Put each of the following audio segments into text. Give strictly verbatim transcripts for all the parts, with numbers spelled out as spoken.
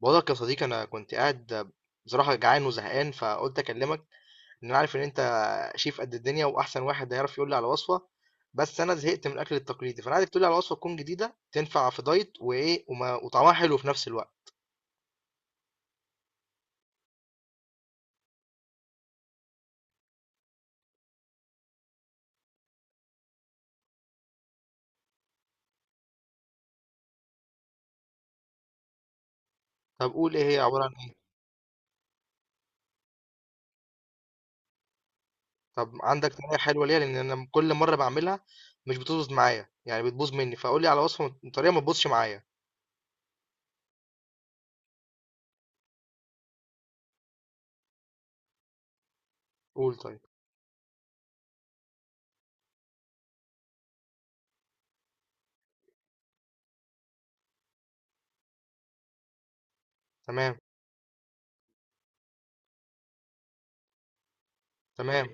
بقولك يا صديقي، انا كنت قاعد بصراحه جعان وزهقان فقلت اكلمك ان انا عارف ان انت شيف قد الدنيا واحسن واحد هيعرف يقول لي على وصفه. بس انا زهقت من الاكل التقليدي، فانا عايزك تقول لي على وصفه تكون جديده تنفع في دايت وايه وما وطعمها حلو في نفس الوقت. طب قول، ايه هي عباره عن ايه؟ طب عندك طريقه حلوه ليها؟ لان انا كل مره بعملها مش بتظبط معايا، يعني بتبوظ مني، فقول لي على وصفه طريقه ما تبوظش معايا. قول. طيب. تمام تمام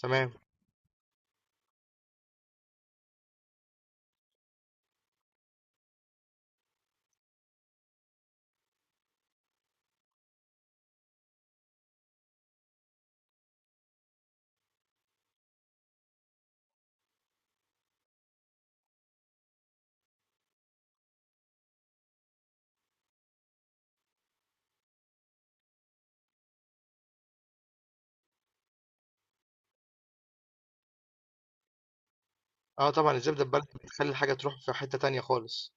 تمام اه طبعا، الزبده البلدي بتخلي الحاجه تروح في حته تانية خالص.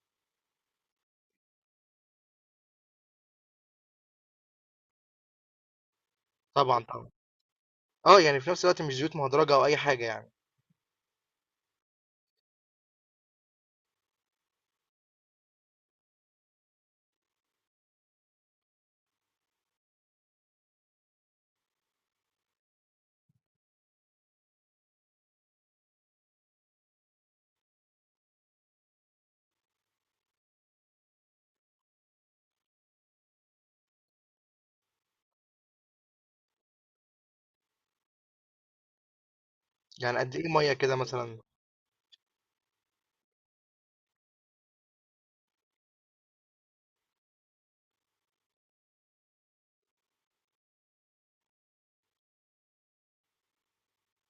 طبعا طبعا. آه، يعني في نفس الوقت مش زيوت مهدرجة أو أي حاجة يعني. يعني قد إيه مية كده مثلا؟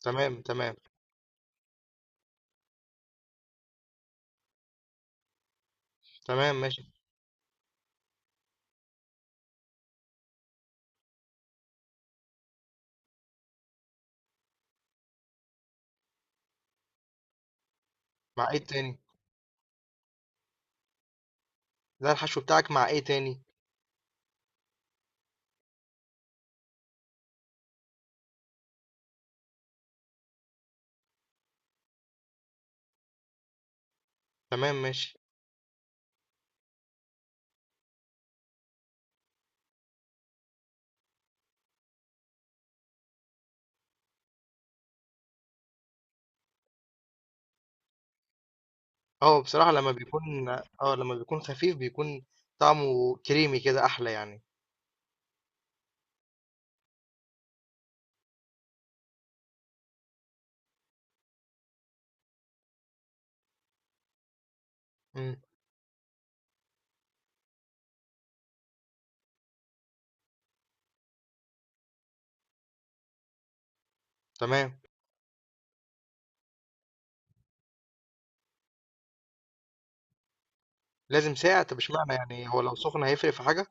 تمام تمام. تمام ماشي. مع إيه تاني؟ ده الحشو بتاعك مع إيه تاني؟ تمام ماشي. اه بصراحة لما بيكون، اه لما بيكون خفيف بيكون طعمه كريمي كده أحلى يعني. مم. تمام. لازم ساقع؟ طب اشمعنى؟ يعني هو لو سخن هيفرق في حاجة؟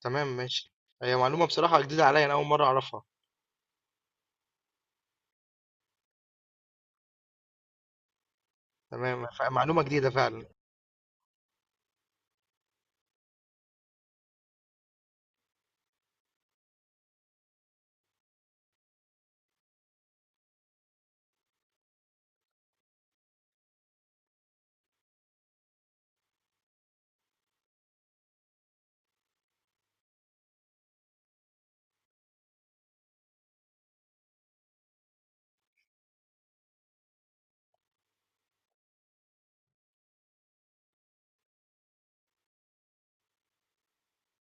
تمام ماشي. هي معلومة بصراحة جديدة عليا، أنا أول مرة أعرفها. تمام، ف- معلومة جديدة فعلا.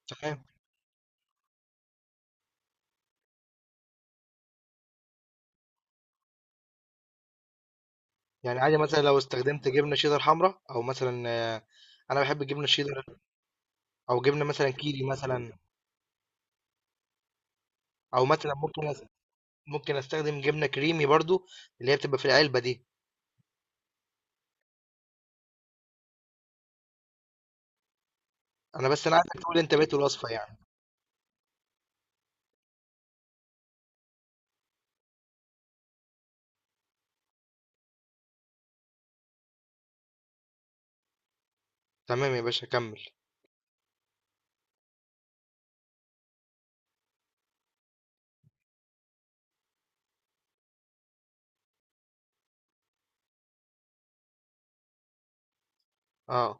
تمام. يعني عادي مثلا لو استخدمت جبنة شيدر حمراء، أو مثلا آه، انا بحب الجبنه الشيدر، او جبنه مثلا كيري مثلا، او مثلا ممكن أس- ممكن استخدم جبنه كريمي برضو، اللي هي بتبقى في العلبه دي. انا بس انا عايزك تقول انت بقيت الوصفه يعني. تمام يا باشا، كمل. اه.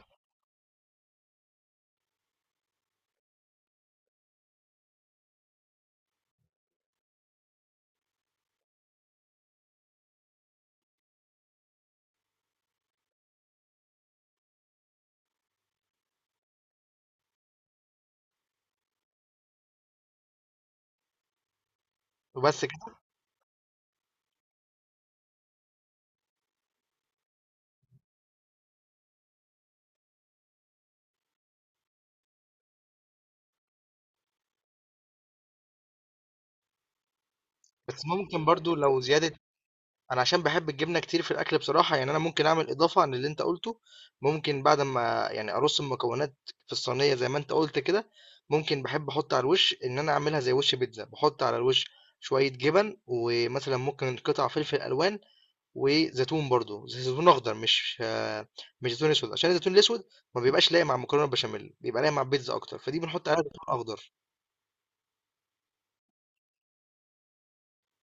وبس كده؟ بس ممكن برضو لو زياده، انا عشان بحب الجبنه كتير في الاكل بصراحه، يعني انا ممكن اعمل اضافه عن اللي انت قلته. ممكن بعد ما يعني ارص المكونات في الصينيه زي ما انت قلت كده، ممكن بحب احط على الوش، ان انا اعملها زي وش بيتزا. بحط على الوش شويه جبن، ومثلا ممكن قطع فلفل الوان، وزيتون برضو، زي- زيتون اخضر، مش آه، مش زيتون اسود، عشان الزيتون الاسود ما بيبقاش لايق مع المكرونه البشاميل. بيبقى لايق مع البيتزا اكتر، فدي بنحط عليها زيتون اخضر.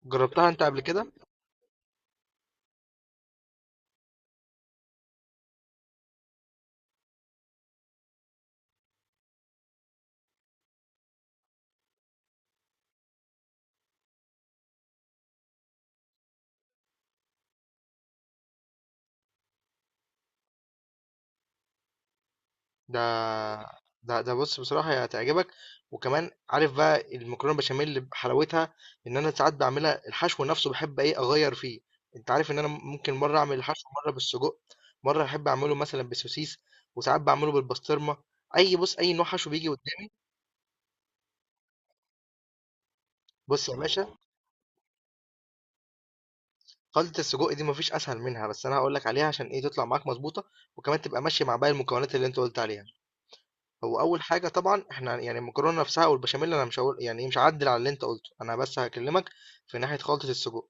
جربتها انت قبل كده؟ ده ده ده بص بصراحه هي هتعجبك. وكمان عارف بقى المكرونه البشاميل اللي بحلاوتها، ان انا ساعات بعملها الحشو نفسه بحب ايه اغير فيه. انت عارف ان انا ممكن مره اعمل الحشو مره بالسجق، مره احب اعمله مثلا بالسوسيس، وساعات بعمله بالبسطرمه. اي بص، اي نوع حشو بيجي قدامي. بص يا باشا، خلطة السجق دي ما فيش أسهل منها، بس أنا هاقول لك عليها عشان إيه تطلع معاك مضبوطة، وكمان تبقى ماشية مع باقي المكونات اللي أنت قُلت عليها. هو أول حاجة طبعًا إحنا يعني المكرونة نفسها والبشاميل أنا مش هاقول يعني إيه، مش هاعدِّل على اللي أنت قُلته، أنا بس هاكلمك في ناحية خلطة السجق.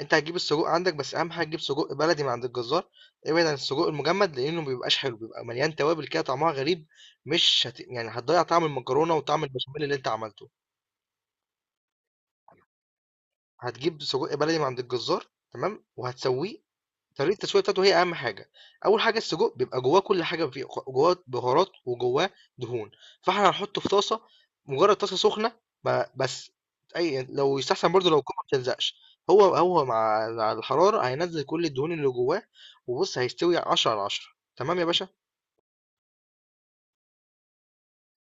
أنت هتجيب السجق عندك، بس أهم حاجة تجيب سجق بلدي من عند الجزار، ابعد عن السجق المجمد لإنه ما بيبقاش حلو، بيبقى مليان توابل كده طعمها غريب، مش هت يعني هتضيّع طعم المكرونة وطعم البشاميل اللي أنت عملته. هتجيب سجق بلدي من عند الجزار، تمام، وهتسويه. طريقة التسوية بتاعته هي أهم حاجة. أول حاجة، السجق بيبقى جواه كل حاجة، فيه خ- جواه بهارات وجواه دهون، فإحنا هنحطه في طاسة، مجرد طاسة سخنة ب- بس. أي يعني لو يستحسن برضه لو القوة ما بتلزقش، هو هو مع مع الحرارة هينزل كل الدهون اللي جواه. وبص هيستوي عشرة على عشرة، تمام يا باشا؟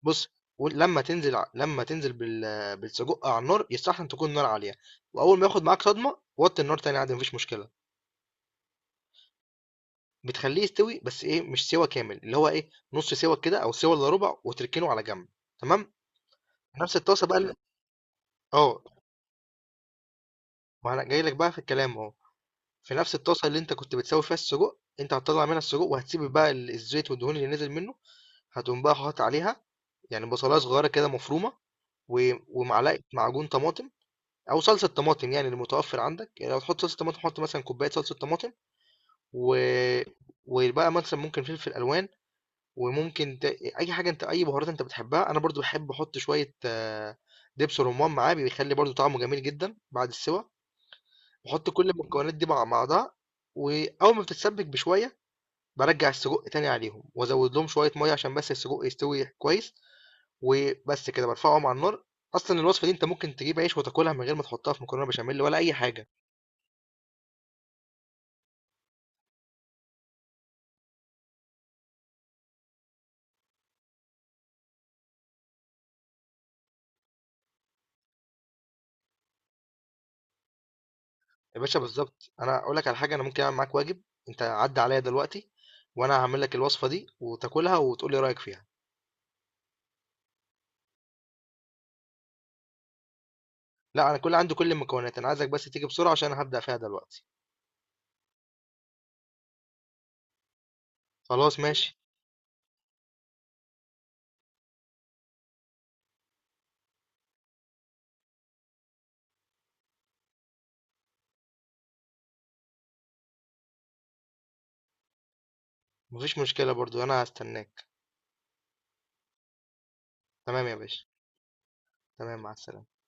بص، ولما تنزل ع- لما تنزل بال- بالسجق على النار يستحسن تكون النار عالية، وأول ما ياخد معاك صدمة وطي النار تاني عادي مفيش مشكلة. بتخلّيه يستوي بس إيه، مش سِوَى كامل، اللي هو إيه، نُص سِوَى كده أو سِوَى إلّا رُبع وتركنه على جنب، تمام؟ نفس الطاسة بقى ال آه، ما أنا جاي لك بقى في الكلام أهو. في نفس الطاسة اللي أنت كنت بتسوّي فيها السجق، أنت هتطلّع منها السجق وهتسيب بقى ال الزيت والدهون اللي نزل منه، هتقوم بقى حاطط عليها يعني بصلاية صغيّرة كده مفرومة، و ومعلقة معجون طماطم أو صلصة طماطم، يعني المتوفّر عندك. يعني لو هتحط صلصة طماطم، حُط مثلًا كوباية صلصة طماطم. و وبقى مثلًا ممكن فلفل ألوان، وممكن ت... اي حاجه انت، اي بهارات انت بتحبها. انا برضو بحب احط شويه آه، دبس رمان معاه، بيخلي برضو طعمه جميل جدا بعد السوا. بحط كل المكونات دي مع بعضها، واول ما بتتسبك بشويه برجع السجق تاني عليهم وازود لهم شويه ميه عشان بس السجق يستوي كويس، وبس كده برفعهم على النار. اصلا الوصفه دي انت ممكن تجيب عيش وتاكلها من غير ما تحطها في مكرونه بشاميل ولا اي حاجه. يا باشا بالظبط، انا اقول لك على حاجه، انا ممكن اعمل معاك واجب. انت عدى عليا دلوقتي، وانا هعمل لك الوصفه دي وتاكلها وتقول لي رايك فيها. لا انا كل عندي كل المكونات، انا عايزك بس تيجي بسرعة عشان أنا هبدأ فيها دلوقتي. خلاص ماشي. مفيش مشكلة برضو، انا هستناك. تمام يا باشا. تمام، مع السلامة.